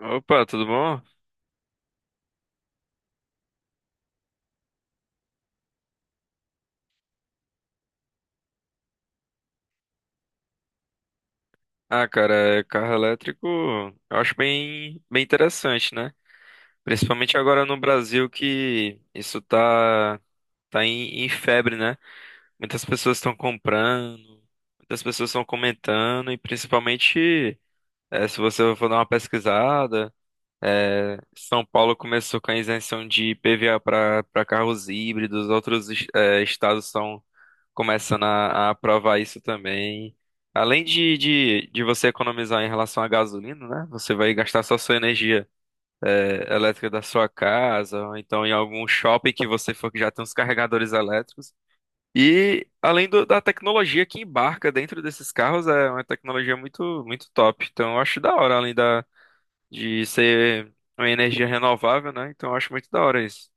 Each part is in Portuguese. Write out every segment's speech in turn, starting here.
Opa, tudo bom? Ah, cara, carro elétrico eu acho bem interessante, né? Principalmente agora no Brasil que isso tá em febre, né? Muitas pessoas estão comprando, muitas pessoas estão comentando e principalmente se você for dar uma pesquisada, São Paulo começou com a isenção de IPVA para carros híbridos, outros estados estão começando a aprovar isso também. Além de você economizar em relação à gasolina, né? Você vai gastar só sua energia elétrica da sua casa, ou então em algum shopping que você for que já tem os carregadores elétricos. E da tecnologia que embarca dentro desses carros, é uma tecnologia muito, muito top. Então eu acho da hora, de ser uma energia renovável, né? Então eu acho muito da hora isso.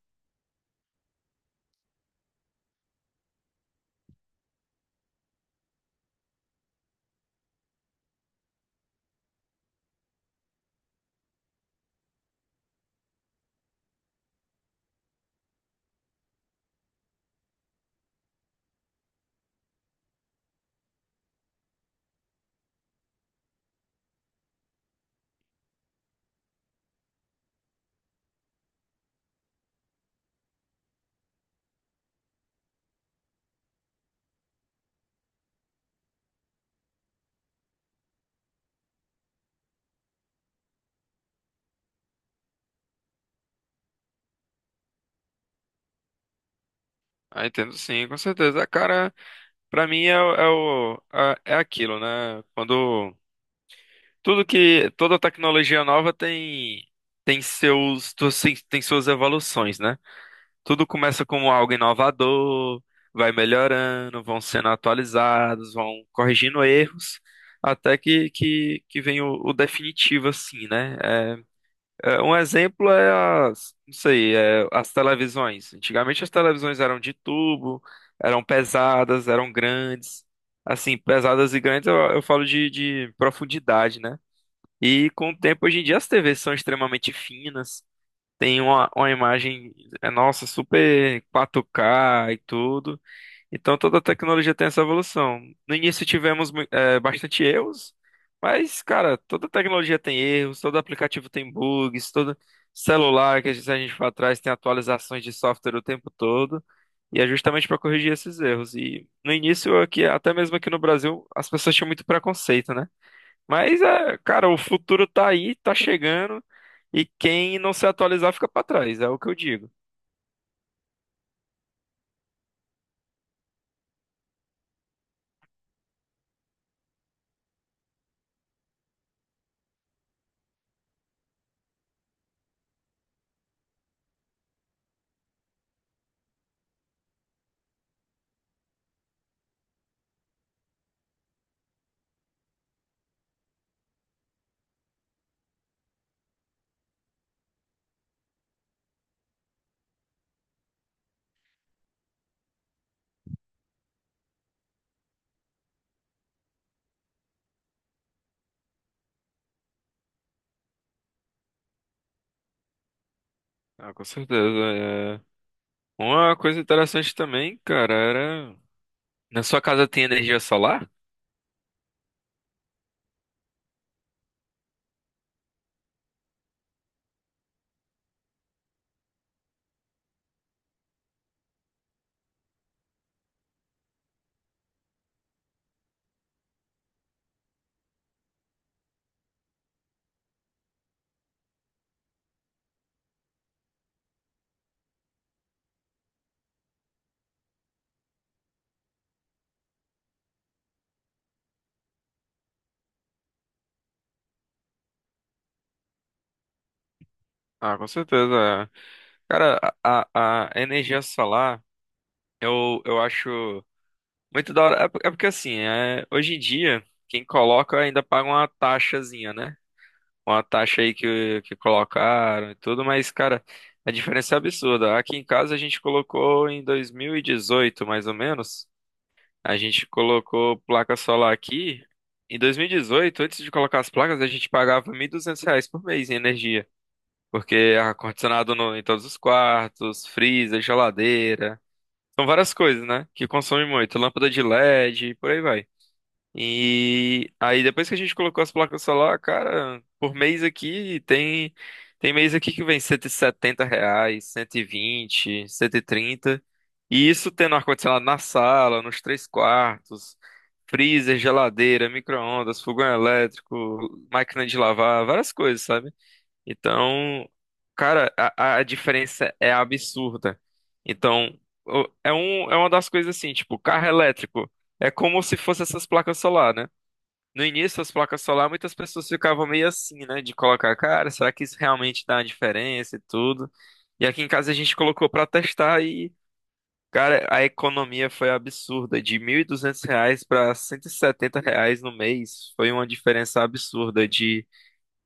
Ah, entendo sim, com certeza. Cara, pra mim é aquilo, né? Quando tudo que toda tecnologia nova tem tem suas evoluções, né? Tudo começa como algo inovador, vai melhorando, vão sendo atualizados, vão corrigindo erros, até que vem o definitivo assim, né? Um exemplo é não sei, as televisões. Antigamente as televisões eram de tubo, eram pesadas, eram grandes. Assim, pesadas e grandes eu falo de profundidade, né? E com o tempo, hoje em dia, as TVs são extremamente finas, tem uma imagem, nossa, super 4K e tudo. Então toda tecnologia tem essa evolução. No início tivemos bastante erros, mas, cara, toda tecnologia tem erros, todo aplicativo tem bugs, todo celular que se a gente for atrás tem atualizações de software o tempo todo. E é justamente para corrigir esses erros. E no início, aqui, até mesmo aqui no Brasil, as pessoas tinham muito preconceito, né? Mas, cara, o futuro tá aí, tá chegando, e quem não se atualizar fica para trás, é o que eu digo. Ah, com certeza. Uma coisa interessante também, cara, era. Na sua casa tem energia solar? Ah, com certeza. É. Cara, a energia solar, eu acho muito da hora. É porque assim, hoje em dia, quem coloca ainda paga uma taxazinha, né? Uma taxa aí que colocaram e tudo, mas, cara, a diferença é absurda. Aqui em casa a gente colocou em 2018, mais ou menos. A gente colocou placa solar aqui. Em 2018, antes de colocar as placas, a gente pagava 1.200 reais por mês em energia. Porque ar-condicionado no- em todos os quartos, freezer, geladeira. São várias coisas, né? Que consomem muito. Lâmpada de LED, por aí vai. E aí depois que a gente colocou as placas solar, cara, por mês aqui tem tem mês aqui que vem 170 reais, 120, 130. E trinta. E isso tendo ar-condicionado na sala, nos 3 quartos, freezer, geladeira, micro-ondas, fogão elétrico, máquina de lavar, várias coisas, sabe? Então, cara, a diferença é absurda. Então, é uma das coisas assim, tipo, carro elétrico é como se fosse essas placas solar, né? No início, as placas solar, muitas pessoas ficavam meio assim, né? De colocar, cara, será que isso realmente dá uma diferença e tudo? E aqui em casa a gente colocou pra testar e, cara, a economia foi absurda. De 1.200 reais para 170 reais no mês, foi uma diferença absurda de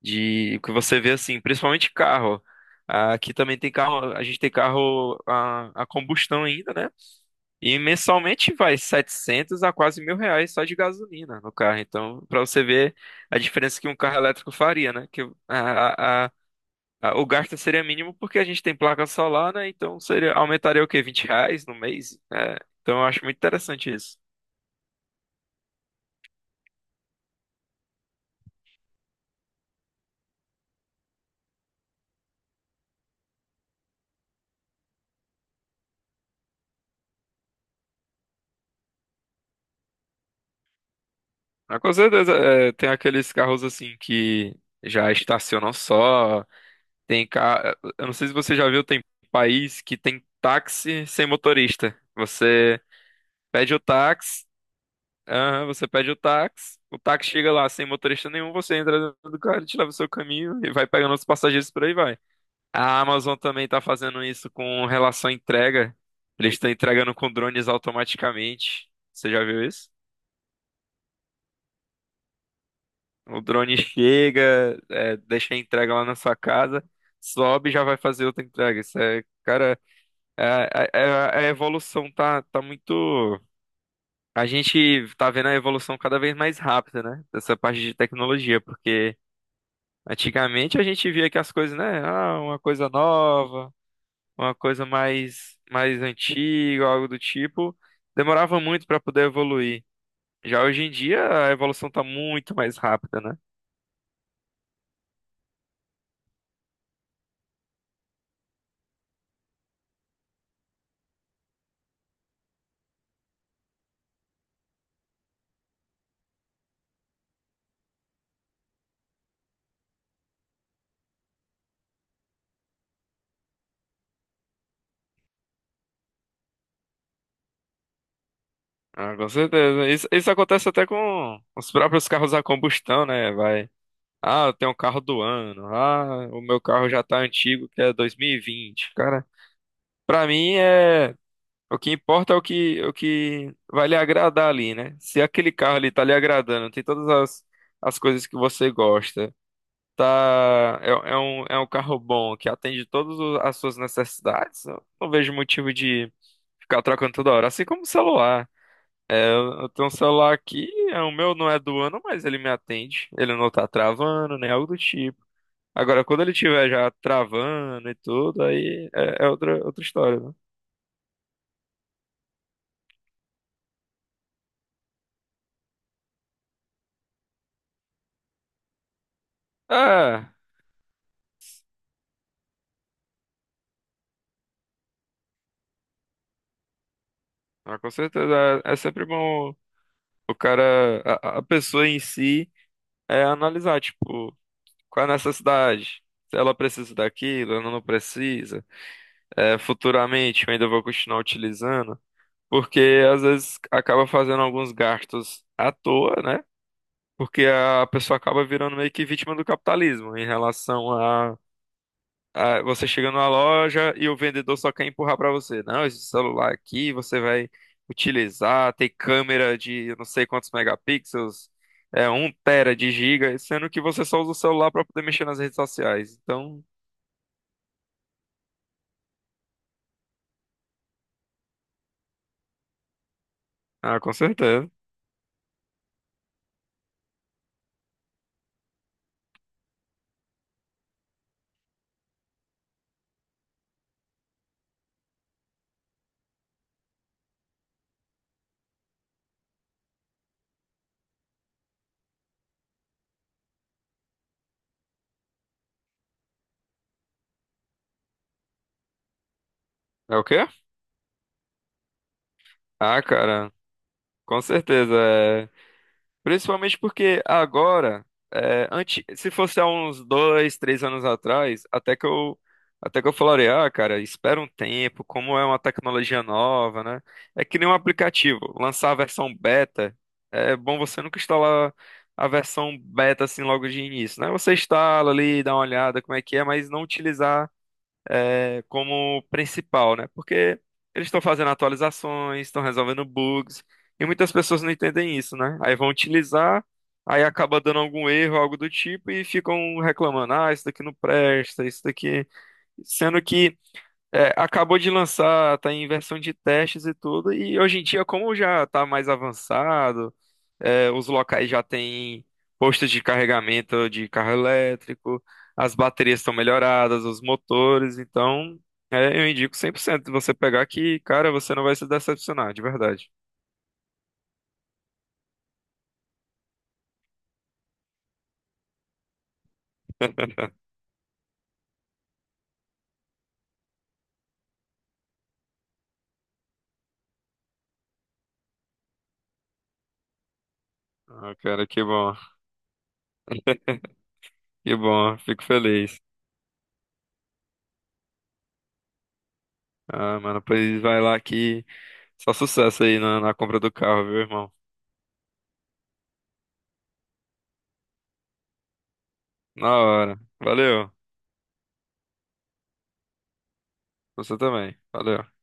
de o que você vê assim, principalmente carro. Aqui também tem carro, a gente tem carro a combustão ainda, né? E mensalmente vai 700 a quase 1.000 reais só de gasolina no carro. Então, para você ver a diferença que um carro elétrico faria, né? Que a, a, o gasto seria mínimo porque a gente tem placa solar, né? Então seria, aumentaria o quê? 20 reais no mês? É, então eu acho muito interessante isso. Mas, com certeza, é, tem aqueles carros assim que já estacionam só. Eu não sei se você já viu, tem país que tem táxi sem motorista. Você pede o táxi, aham, você pede o táxi chega lá sem motorista nenhum, você entra dentro do carro, te leva o seu caminho e vai pegando os passageiros por aí vai. A Amazon também tá fazendo isso com relação à entrega. Eles estão entregando com drones automaticamente. Você já viu isso? O drone chega, é, deixa a entrega lá na sua casa, sobe e já vai fazer outra entrega. Isso é, cara, a evolução tá muito. A gente tá vendo a evolução cada vez mais rápida, né? Dessa parte de tecnologia, porque antigamente a gente via que as coisas, né? Ah, uma coisa nova, uma coisa mais antiga, algo do tipo, demorava muito para poder evoluir. Já hoje em dia a evolução tá muito mais rápida, né? Ah, com certeza. Isso acontece até com os próprios carros a combustão, né? Vai. Ah, eu tenho um carro do ano. Ah, o meu carro já tá antigo, que é 2020. Cara, pra mim é. O que importa é o que vai lhe agradar ali, né? Se aquele carro ali tá lhe agradando, tem todas as coisas que você gosta, tá. É, é um carro bom, que atende as suas necessidades. Eu não vejo motivo de ficar trocando toda hora. Assim como o celular. Eu tenho um celular aqui, é, o meu não é do ano, mas ele me atende. Ele não tá travando, nem algo do tipo. Agora, quando ele tiver já travando e tudo, aí é outra história, né? É, ah, com certeza. É, é sempre bom o cara, a pessoa em si, é analisar, tipo, qual é a necessidade. Se ela precisa daquilo, ela não precisa. É, futuramente eu ainda vou continuar utilizando. Porque às vezes acaba fazendo alguns gastos à toa, né? Porque a pessoa acaba virando meio que vítima do capitalismo em relação a. Ah, você chega numa loja e o vendedor só quer empurrar pra você. Não, esse celular aqui você vai utilizar, tem câmera de não sei quantos megapixels, é um tera de giga, sendo que você só usa o celular pra poder mexer nas redes sociais. Então, ah, com certeza. É o quê? Ah, cara, com certeza. É. Principalmente porque agora, é, antes, se fosse há uns 2, 3 anos atrás, até que eu falaria, ah, cara, espera um tempo, como é uma tecnologia nova, né? É que nem um aplicativo, lançar a versão beta, é bom você nunca instalar a versão beta assim logo de início, né? Você instala ali, dá uma olhada como é que é, mas não utilizar é, como principal, né? Porque eles estão fazendo atualizações, estão resolvendo bugs, e muitas pessoas não entendem isso, né? Aí vão utilizar, aí acaba dando algum erro, algo do tipo, e ficam reclamando, ah, isso daqui não presta, isso daqui. Sendo que é, acabou de lançar, tá em versão de testes e tudo, e hoje em dia, como já tá mais avançado, é, os locais já têm postos de carregamento de carro elétrico, as baterias estão melhoradas, os motores, então é, eu indico 100% você pegar que, cara, você não vai se decepcionar, de verdade. Ah, cara, que bom, fico feliz. Ah, mano, pois vai lá que só sucesso aí na na compra do carro, viu, irmão? Na hora. Valeu. Você também. Valeu.